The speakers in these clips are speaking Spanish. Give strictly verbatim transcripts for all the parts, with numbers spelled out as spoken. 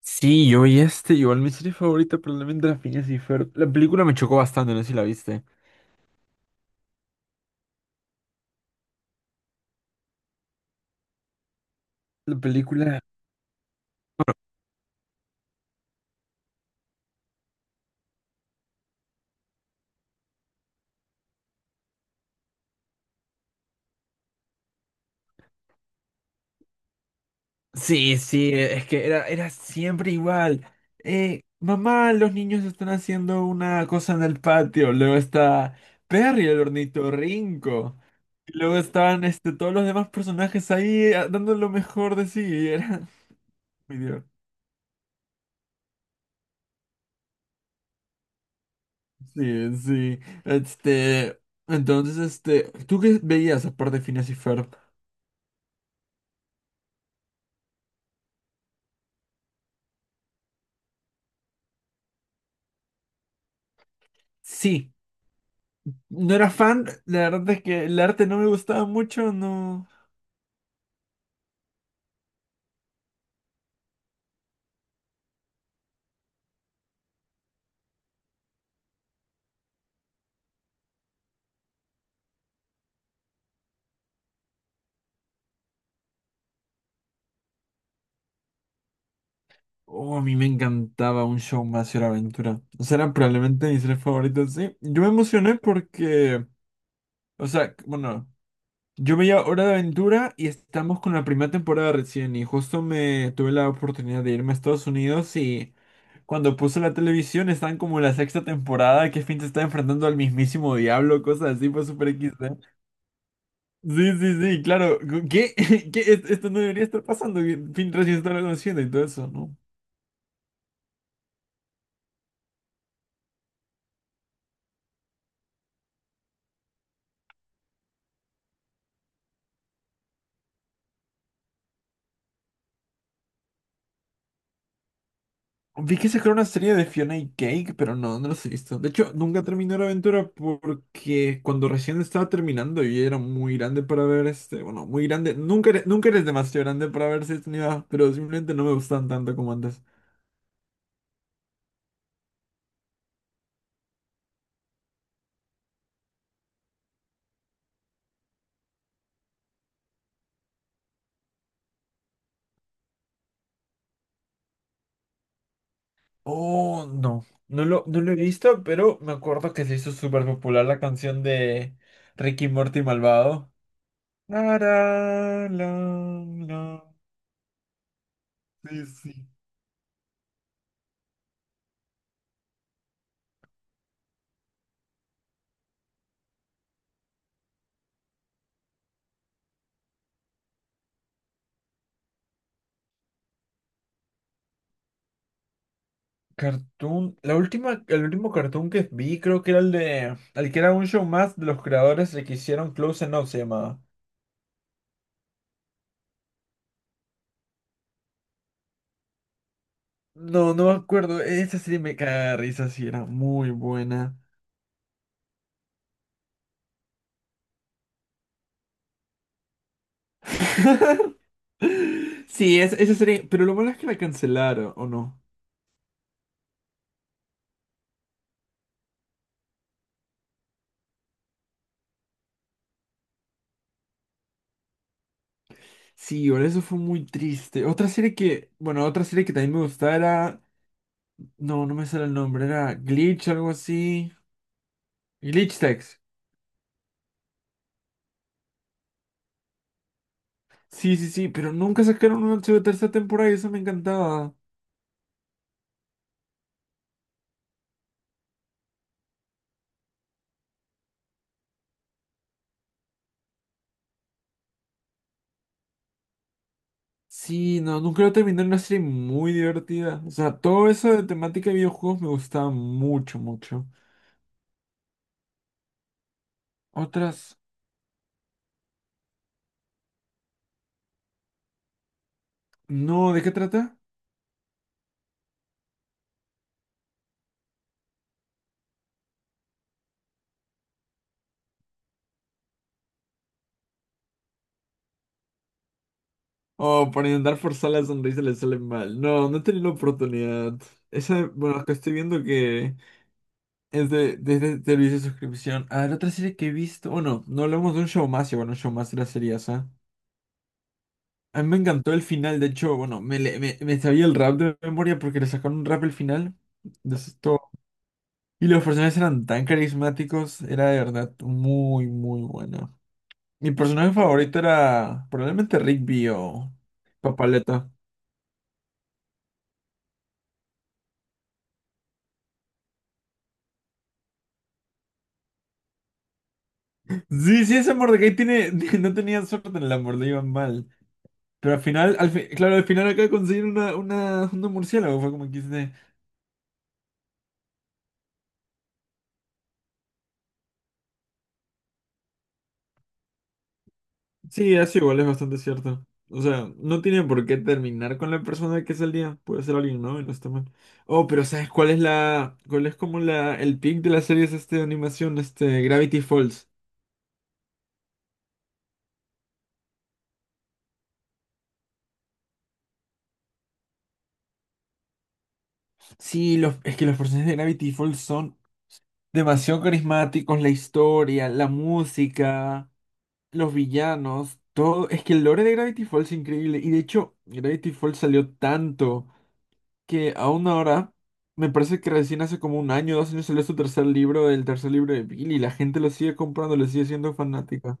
Sí, yo vi este, igual mi serie favorita probablemente La Phineas y Ferb. La película me chocó bastante, no sé si la viste. La película. Sí, sí, es que era, era siempre igual. Eh, mamá, los niños están haciendo una cosa en el patio. Luego está Perry, el ornitorrinco. Y luego estaban este, todos los demás personajes ahí eh, dando lo mejor de sí. Y era... Mi Dios. Sí, sí. Este, entonces, este, ¿tú qué veías aparte de Phineas y Ferb? Sí. No era fan, la verdad es que el arte no me gustaba mucho, no. Oh, a mí me encantaba un show más y la aventura. O sea, eran probablemente mis tres favoritos, sí. Yo me emocioné porque, o sea, bueno, yo veía Hora de Aventura y estamos con la primera temporada recién y justo me tuve la oportunidad de irme a Estados Unidos y cuando puse la televisión están como en la sexta temporada, que Finn se está enfrentando al mismísimo diablo, cosas así, fue súper equis de... Sí, sí, sí, claro. ¿Qué? ¿Qué? Es- esto no debería estar pasando, que Finn recién está conociendo y todo eso, ¿no? Vi que sacaron una serie de Fiona y Cake, pero no, no los he visto. De hecho, nunca terminé la aventura porque cuando recién estaba terminando y era muy grande para ver este, bueno, muy grande. Nunca, eres- nunca eres demasiado grande para ver si edad, pero simplemente no me gustan tanto como antes. Oh, no. No lo, no lo he visto, pero me acuerdo que se hizo súper popular la canción de Ricky Morty Malvado. La, la, la, la. Sí, sí. Cartoon. La última, el último cartoon que vi creo que era el de... El que era un show más de los creadores de que hicieron Close Enough se llamaba. No, no me acuerdo. Esa serie me caga de risa, sí, era muy buena. Sí, es- esa serie. Pero lo malo es que la cancelaron, ¿o no? Sí, ahora eso fue muy triste. Otra serie que... Bueno, otra serie que también me gustaba era... No, no me sale el nombre, era Glitch, algo así. Glitch Tech. Sí, sí, sí, pero nunca sacaron una segunda- tercera temporada y eso me encantaba. Sí, no, nunca lo terminé, era una serie muy divertida. O sea, todo eso de temática de videojuegos me gustaba mucho, mucho. Otras, no, ¿de qué trata? Oh, por intentar forzar la sonrisa le sale mal. No, no he tenido la oportunidad. Esa, bueno, que estoy viendo que es de, desde servicio de suscripción. A ver, otra serie que he visto, bueno, no hablamos de un show más, y bueno, un show más era serie esa. A mí me encantó el final, de hecho, bueno, me, le- me, me sabía el rap de memoria porque le sacaron un rap al final. De eso es todo. Y los personajes eran tan carismáticos, era de verdad muy, muy bueno. Mi personaje favorito era probablemente Rigby o Papaleta. Sí, sí, ese Mordecai tiene, no tenía suerte en el amor, le iban mal. Pero al final, al fi- claro, al final acaba de conseguir una, una, una murciélago, fue como quise. Sí, eso igual es bastante cierto. O sea, no tiene por qué terminar con la persona que salía. Puede ser alguien, ¿no? Y no está mal. Oh, pero ¿sabes cuál es la, cuál es como la, el pic de las series este de animación, este, Gravity Falls? Sí, los, es que los personajes de Gravity Falls son demasiado carismáticos, la historia, la música, los villanos, todo. Es que el lore de Gravity Falls es increíble. Y de hecho, Gravity Falls salió tanto que aún ahora, me parece que recién hace como un año, dos años salió su tercer libro, el tercer libro de Billy, y la gente lo sigue comprando, le sigue siendo fanática.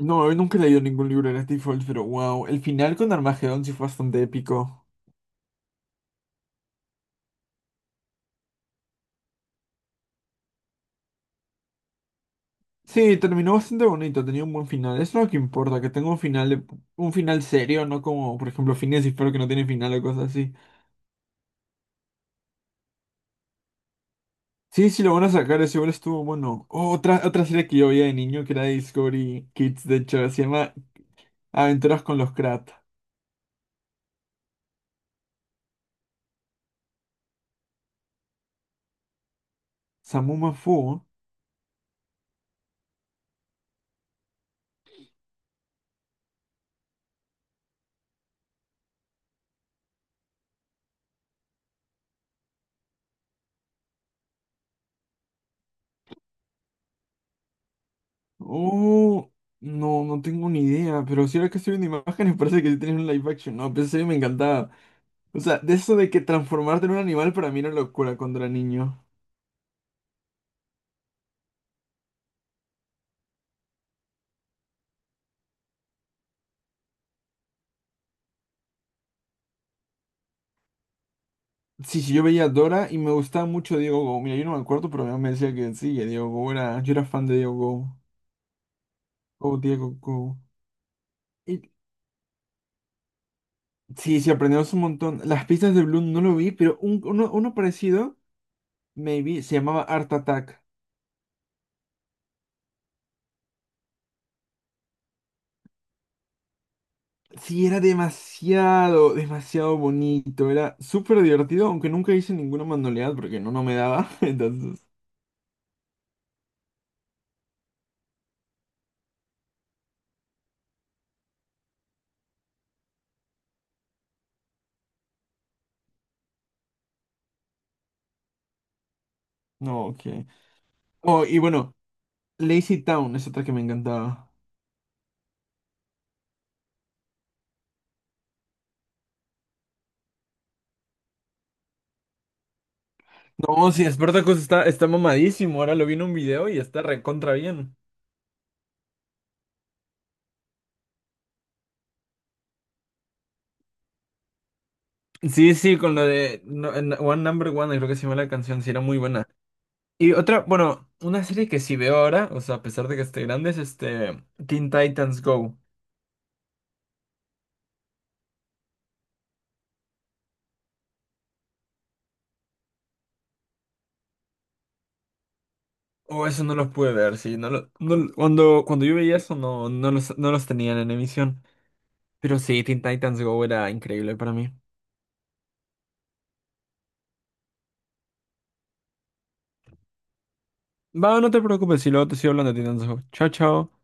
No, yo nunca he leído ningún libro de Steve Follett, pero wow, el final con Armagedón sí fue bastante épico. Sí, terminó bastante bonito, tenía un buen final. Eso es lo que importa, que tenga un final de- un final serio, no como, por ejemplo, Phineas y Ferb, que no tiene final o cosas así. Sí, sí, lo van a sacar, ese igual estuvo bueno. Oh, otra, otra serie que yo veía de niño que era de Discovery Kids, de hecho, se llama Aventuras con los Krat. Samuma Fu. Oh, no, no tengo ni idea. Pero si ahora que estoy viendo imágenes, parece que sí tienes un live action. No, pensé que me encantaba. O sea, de eso de que transformarte en un animal para mí era locura cuando era niño. Sí, sí, yo veía a Dora y me gustaba mucho Diego Go. Mira, yo no me acuerdo, pero mi mamá me decía que sí, que Diego Go era... Yo era fan de Diego Go. Oh, Diego Go. Y sí, sí, aprendimos un montón. Las pistas de Bloom no lo vi, pero un- uno, uno parecido, maybe, se llamaba Art Attack. Sí, era demasiado, demasiado bonito. Era súper divertido, aunque nunca hice ninguna manualidad porque no, no me daba. Entonces, no, ok. Oh, y bueno, Lazy Town es otra que me encantaba. No, sí, Spartacus está, está mamadísimo. Ahora lo vi en un video y está recontra bien. Sí, sí, con lo de no- en- One Number One, creo que se llama la canción, sí, era muy buena. Y otra, bueno, una serie que sí veo ahora, o sea, a pesar de que esté grande, es este Teen Titans Go. Oh, eso no los pude ver, sí. No lo- no lo- cuando, cuando yo veía eso, no, no los, no los tenían en emisión. Pero sí, Teen Titans Go era increíble para mí. Va, no te preocupes, si luego te sigo hablando de Teen Titans Go. Chao, chao.